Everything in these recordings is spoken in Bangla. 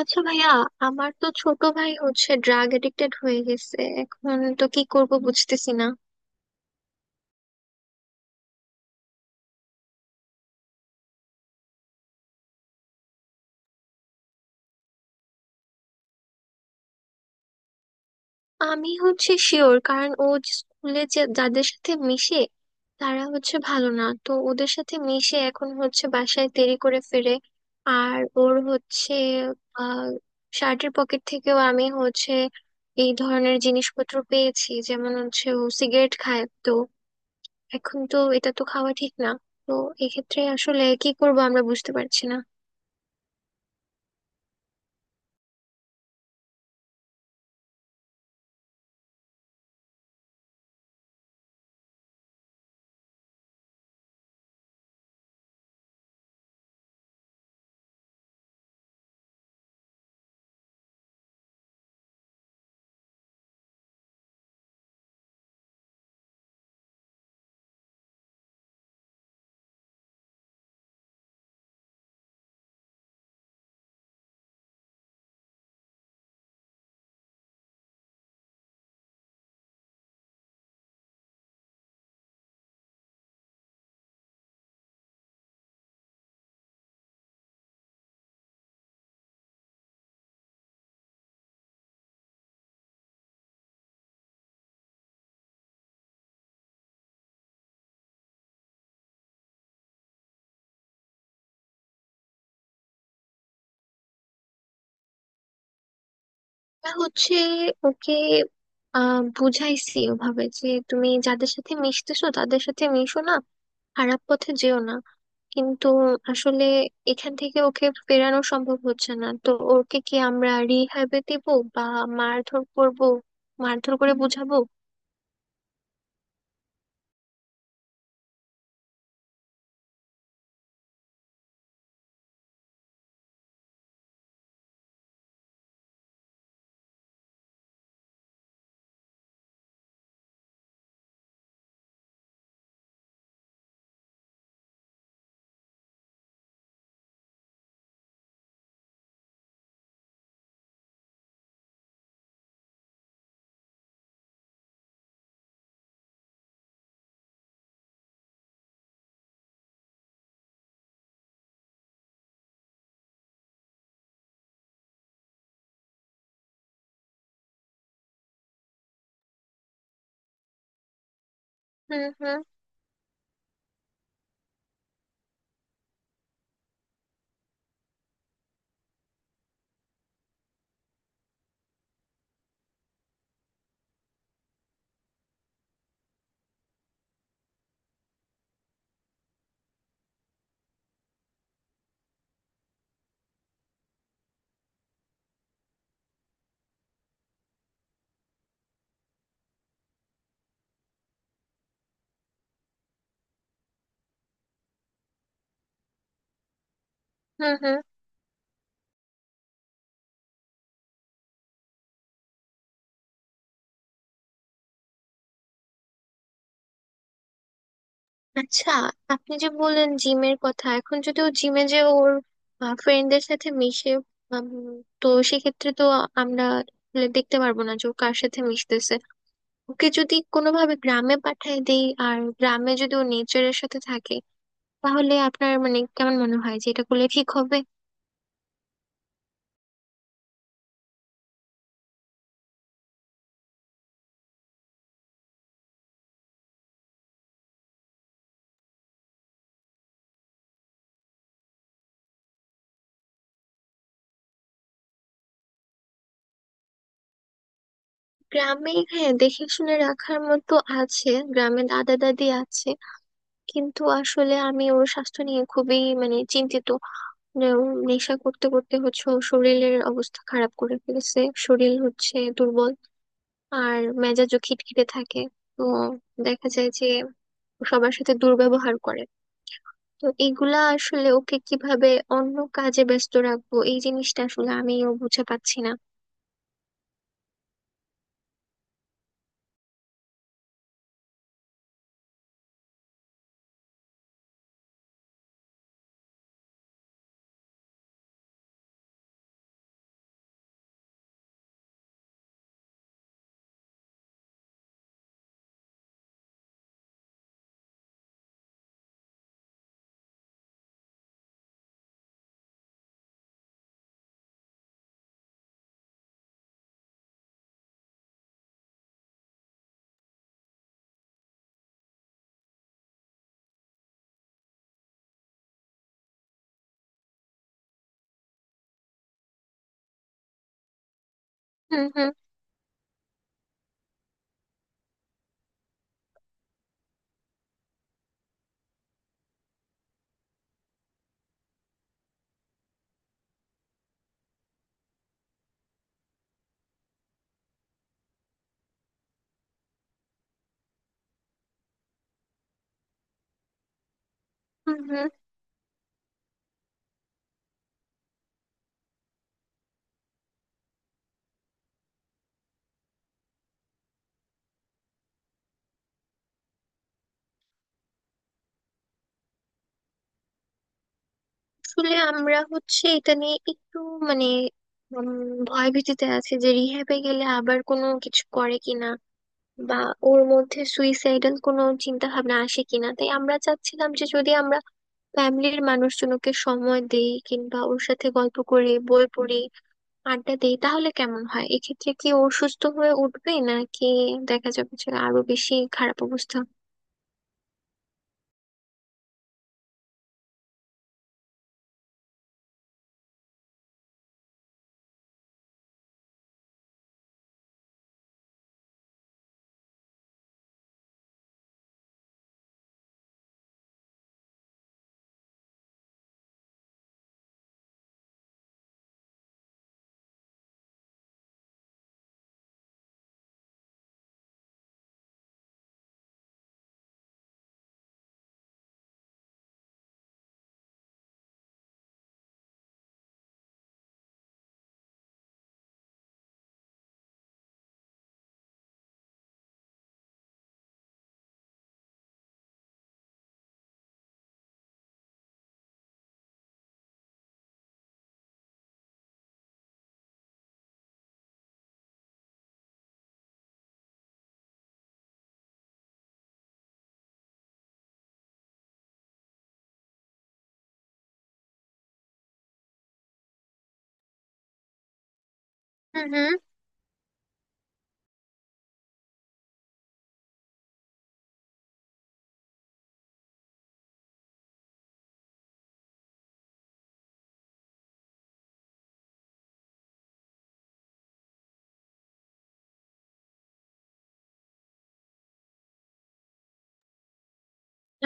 আচ্ছা ভাইয়া, আমার তো ছোট ভাই ড্রাগ এডিক্টেড হয়ে গেছে এখন। তো কি করব বুঝতেছি না। আমি শিওর, কারণ ও যে স্কুলে যে যাদের সাথে মিশে, তারা ভালো না। তো ওদের সাথে মিশে এখন বাসায় দেরি করে ফিরে। আর ওর হচ্ছে আহ শার্টের পকেট থেকেও আমি এই ধরনের জিনিসপত্র পেয়েছি। যেমন ও সিগারেট খায়, তো এখন তো এটা তো খাওয়া ঠিক না। তো এক্ষেত্রে আসলে কি করব আমরা বুঝতে পারছি না। না ওকে বুঝাইছি ওভাবে যে তুমি যাদের সাথে মিশতেছো তাদের সাথে মিশো না, খারাপ পথে যেও না। কিন্তু আসলে এখান থেকে ওকে ফেরানো সম্ভব হচ্ছে না। তো ওকে কি আমরা রিহ্যাবে দেবো, বা মারধর করবো, মারধর করে বোঝাবো? হুম হুম হুম হুম. আচ্ছা, আপনি যে বললেন জিমের কথা, এখন যদি ও জিমে যে ওর ফ্রেন্ডদের সাথে মিশে, উম, তো সেক্ষেত্রে তো আমরা আসলে দেখতে পারবো না যে ও কার সাথে মিশতেছে। ওকে যদি কোনোভাবে গ্রামে পাঠিয়ে দেই আর গ্রামে যদি ও নেচারের সাথে থাকে, তাহলে আপনার মানে কেমন মনে হয় যে এটা করলে ঠিক হবে? গ্রামে হ্যাঁ, দেখে শুনে রাখার মতো আছে। গ্রামে দাদা দাদি আছে। কিন্তু আসলে আমি ওর স্বাস্থ্য নিয়ে খুবই মানে চিন্তিত। যেমন নেশা করতে করতে ওর শরীরের অবস্থা খারাপ করে ফেলেছে। শরীর দুর্বল, আর মেজাজও খিটখিটে থাকে। তো দেখা যায় যে ও সবার সাথে দুর্ব্যবহার করে। তো এগুলা আসলে ওকে কিভাবে অন্য কাজে ব্যস্ত রাখবো এই জিনিসটা আসলে আমিও বুঝে পাচ্ছি না। হুম হুম হুম হুম. আসলে আমরা এটা নিয়ে একটু মানে উম, ভয় ভীতিতে আছে যে রিহ্যাবে গেলে আবার কোনো কিছু করে কিনা, বা ওর মধ্যে সুইসাইডাল কোনো চিন্তা ভাবনা আসে কিনা। তাই আমরা চাচ্ছিলাম যে যদি আমরা ফ্যামিলির মানুষজনকে সময় দেই কিংবা ওর সাথে গল্প করি, বই পড়ি, আড্ডা দেই, তাহলে কেমন হয়? এক্ষেত্রে কি ও সুস্থ হয়ে উঠবে, নাকি দেখা যাবে যে আরো বেশি খারাপ অবস্থা? হুম হুম।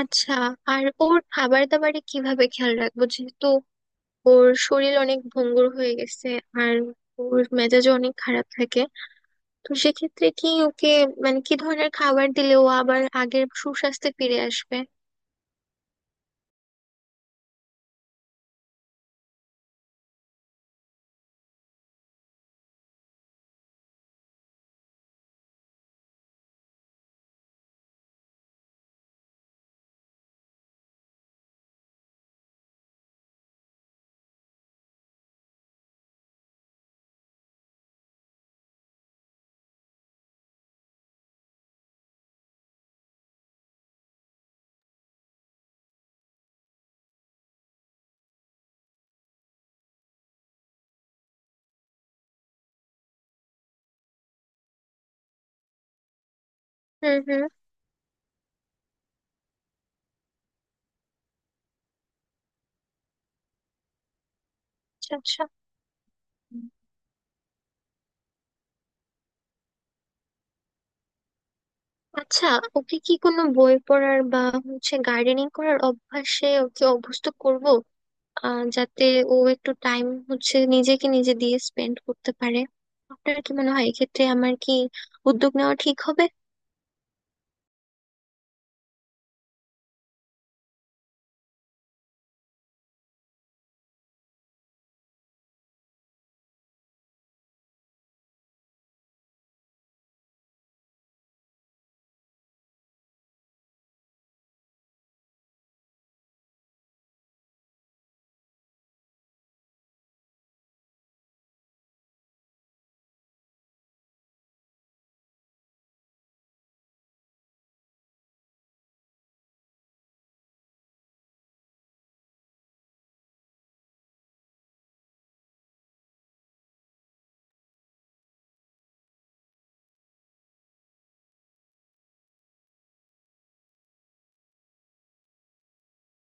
আচ্ছা, আর ওর খাবার দাবারে কিভাবে খেয়াল রাখবো? যেহেতু ওর শরীর অনেক ভঙ্গুর হয়ে গেছে, আর ওর মেজাজও অনেক খারাপ থাকে, তো সেক্ষেত্রে কি ওকে মানে কি ধরনের খাবার দিলে ও আবার আগের সুস্বাস্থ্যে ফিরে আসবে? হুম হুম। আচ্ছা আচ্ছা আচ্ছা ওকে কি কোনো বই পড়ার বা গার্ডেনিং করার অভ্যাসে ওকে অভ্যস্ত করব, যাতে ও একটু টাইম নিজেকে নিজে দিয়ে স্পেন্ড করতে পারে? আপনার কি মনে হয় এক্ষেত্রে আমার কি উদ্যোগ নেওয়া ঠিক হবে?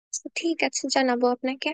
আচ্ছা, ঠিক আছে, জানাবো আপনাকে।